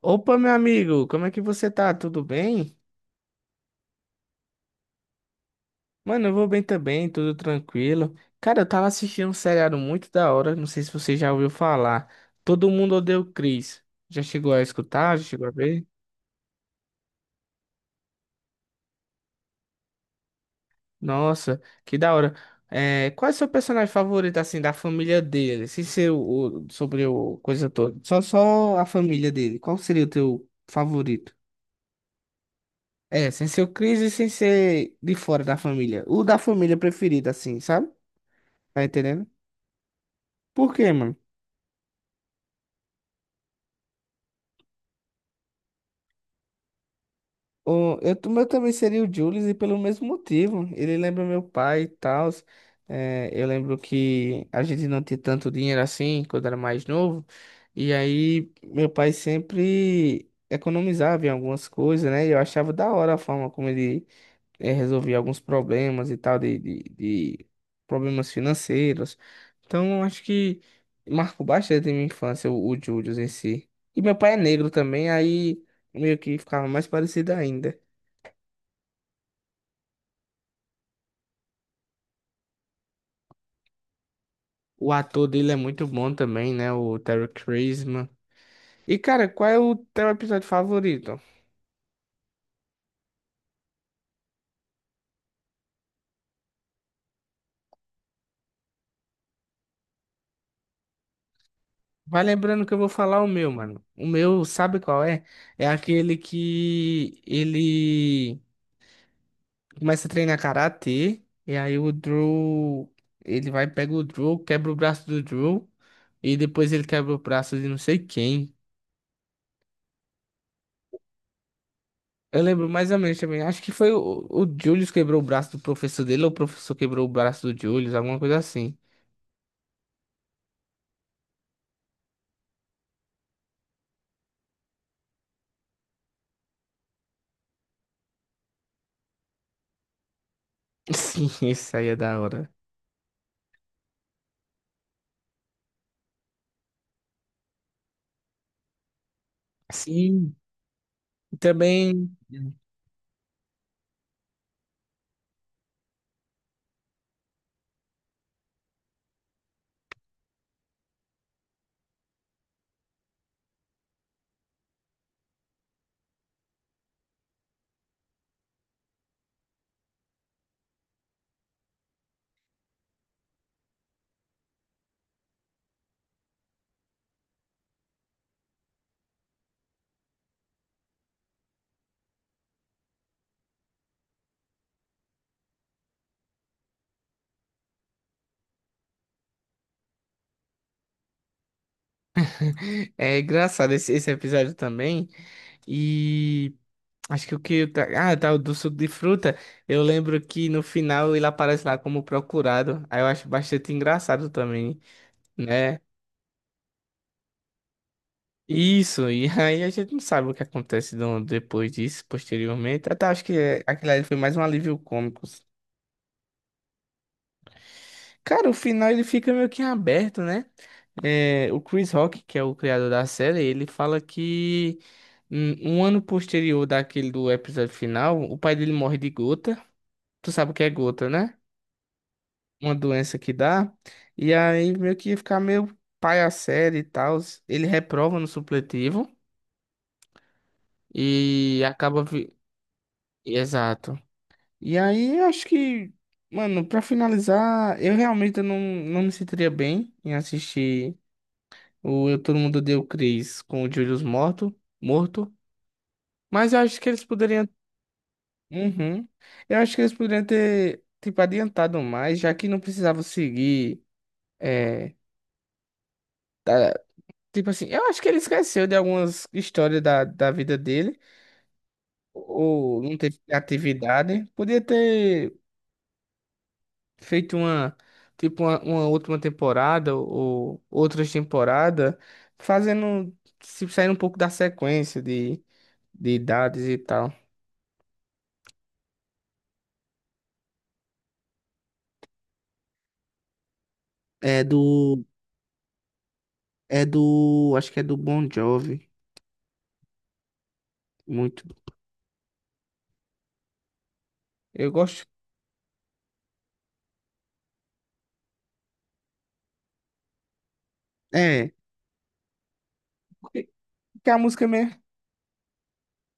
Opa, meu amigo, como é que você tá? Tudo bem? Mano, eu vou bem também, tudo tranquilo. Cara, eu tava assistindo um seriado muito da hora, não sei se você já ouviu falar. Todo mundo odeia o Chris. Já chegou a escutar? Já chegou a ver? Nossa, que da hora. É, qual é o seu personagem favorito, assim, da família dele? Sem ser sobre o coisa toda. Só a família dele. Qual seria o teu favorito? É, sem ser o Chris e sem ser de fora da família. O da família preferida, assim, sabe? Tá entendendo? Por quê, mano? O meu também seria o Julius e pelo mesmo motivo. Ele lembra meu pai e tal. É, eu lembro que a gente não tinha tanto dinheiro assim quando era mais novo. E aí meu pai sempre economizava em algumas coisas, né? E eu achava da hora a forma como ele resolvi alguns problemas e tal, de problemas financeiros. Então, eu acho que marcou bastante a minha infância, o Júlio em si. E meu pai é negro também, aí meio que ficava mais parecido ainda. O ator dele é muito bom também, né? O Terry Crews. E, cara, qual é o teu episódio favorito? Vai lembrando que eu vou falar o meu, mano. O meu, sabe qual é? É aquele que ele começa a treinar karatê, e aí o Drew, ele vai, pega o Drew, quebra o braço do Drew, e depois ele quebra o braço de não sei quem. Eu lembro mais ou menos também, acho que foi o Julius quebrou o braço do professor dele, ou o professor quebrou o braço do Julius, alguma coisa assim. Sim, isso aí é da hora. Sim, também é engraçado esse episódio também. E. Acho que o que. Tá, ah, tá, o do suco de fruta. Eu lembro que no final ele aparece lá como procurado. Aí eu acho bastante engraçado também, né? Isso, e aí a gente não sabe o que acontece depois disso, posteriormente. Até acho que é, aquilo ali foi mais um alívio cômico. Cara, o final ele fica meio que em aberto, né? É, o Chris Rock, que é o criador da série, ele fala que um ano posterior daquele do episódio final, o pai dele morre de gota. Tu sabe o que é gota, né? Uma doença que dá, e aí meio que ia ficar meio pai a série e tal. Ele reprova no supletivo e acaba. Exato. E aí eu acho que, mano, pra finalizar, eu realmente não me sentiria bem em assistir o Eu Todo Mundo Odeia o Chris com o Julius morto, morto, mas eu acho que eles poderiam. Uhum. Eu acho que eles poderiam ter, tipo, adiantado mais, já que não precisava seguir. É, tipo assim, eu acho que ele esqueceu de algumas histórias da vida dele, ou não teve criatividade. Podia ter feito uma, tipo, uma última temporada, ou outras temporadas, fazendo, se saindo um pouco da sequência de idades e tal. É do, é do, acho que é do Bon Jovi, muito. Eu gosto, é, porque porque a música mesmo.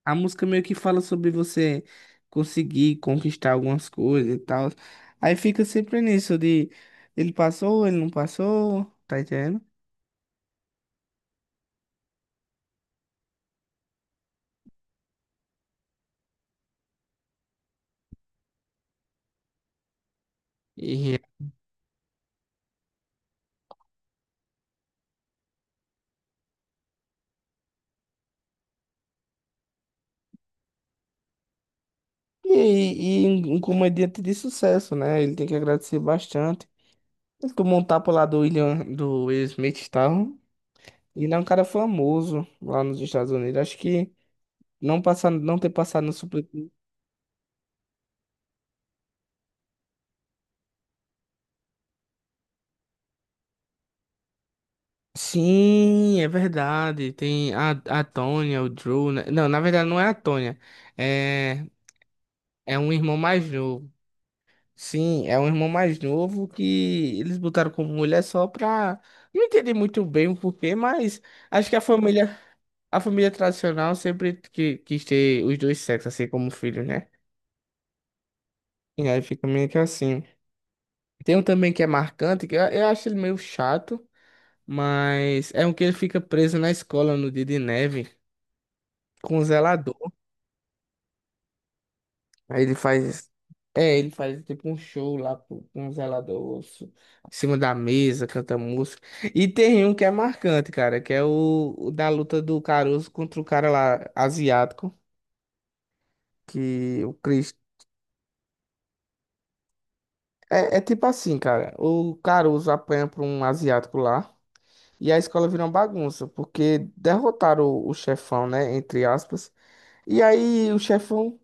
A música meio que fala sobre você conseguir conquistar algumas coisas e tal. Aí fica sempre nisso de ele passou, ele não passou, tá entendendo? E, e um comediante de sucesso, né? Ele tem que agradecer bastante. Ele tomou um tapa lá do William, do Will Smith e tal. Ele é um cara famoso lá nos Estados Unidos. Acho que não passar, não ter passado no Super. Sim, é verdade. Tem a Tônia, o Drew. Né? Não, na verdade não é a Tônia. É. É um irmão mais novo. Sim, é um irmão mais novo que eles botaram como mulher só pra. Não entendi muito bem o porquê, mas acho que a família tradicional sempre quis ter os dois sexos, assim, como filhos, né? E aí fica meio que assim. Tem um também que é marcante, que eu acho ele meio chato, mas é um que ele fica preso na escola no dia de neve com o zelador. Aí ele faz. É, ele faz tipo um show lá com um zelador em cima da mesa, canta música. E tem um que é marcante, cara, que é o, da luta do Caruso contra o cara lá asiático, que o Chris. É, é tipo assim, cara, o Caruso apanha pra um asiático lá e a escola vira uma bagunça, porque derrotaram o chefão, né, entre aspas. E aí o chefão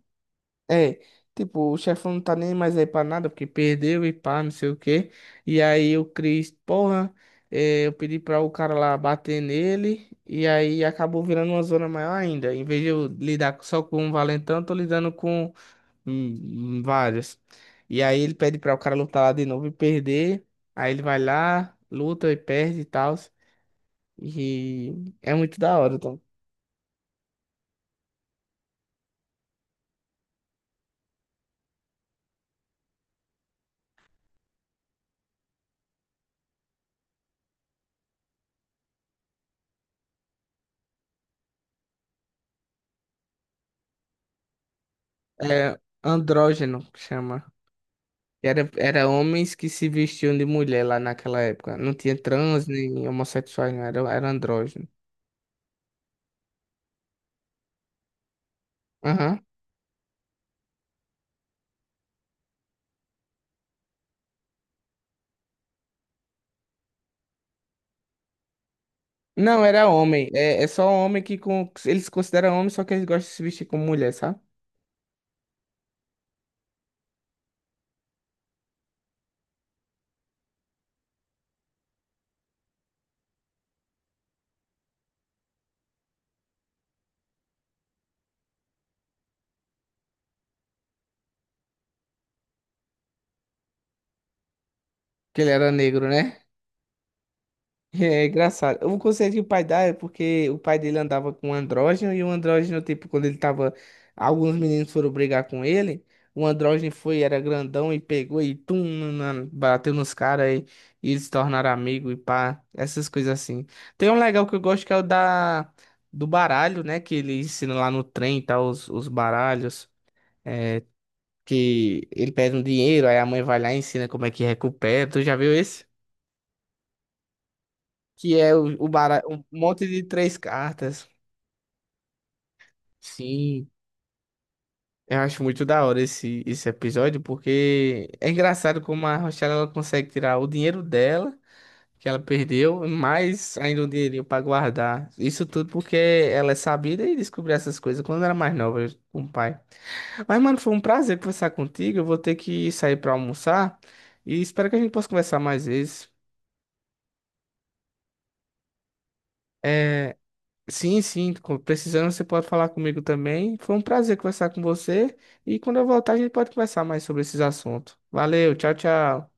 é, tipo, o chefão não tá nem mais aí pra nada, porque perdeu e pá, não sei o quê. E aí o Chris, porra, é, eu pedi pra o cara lá bater nele, e aí acabou virando uma zona maior ainda. Em vez de eu lidar só com um valentão, eu tô lidando com vários. E aí ele pede pra o cara lutar lá de novo e perder. Aí ele vai lá, luta e perde e tal. E é muito da hora, então. É andrógeno, que chama. Era homens que se vestiam de mulher lá naquela época. Não tinha trans nem homossexuais, não. Era andrógeno. Aham. Não, era homem. É só homem que eles consideram homem, só que eles gostam de se vestir como mulher, sabe? Que ele era negro, né? É engraçado. O conselho que o pai dá é porque o pai dele andava com um andrógeno e o andrógeno, tipo, quando ele tava. Alguns meninos foram brigar com ele. O andrógeno foi, era grandão e pegou e tum, bateu nos caras e eles se tornaram amigos e pá, essas coisas assim. Tem um legal que eu gosto que é o da, do baralho, né? Que ele ensina lá no trem, tá? Os baralhos. É, que ele pede um dinheiro, aí a mãe vai lá e ensina como é que recupera. Tu já viu esse? Que é um monte de três cartas. Sim, eu acho muito da hora esse episódio, porque é engraçado como a Rochelle ela consegue tirar o dinheiro dela, que ela perdeu, mais ainda um dinheirinho pra guardar. Isso tudo porque ela é sabida e descobriu essas coisas quando era mais nova com o pai. Mas, mano, foi um prazer conversar contigo. Eu vou ter que sair pra almoçar e espero que a gente possa conversar mais vezes. É, sim, sim, precisando você pode falar comigo também. Foi um prazer conversar com você e quando eu voltar a gente pode conversar mais sobre esses assuntos. Valeu, tchau, tchau.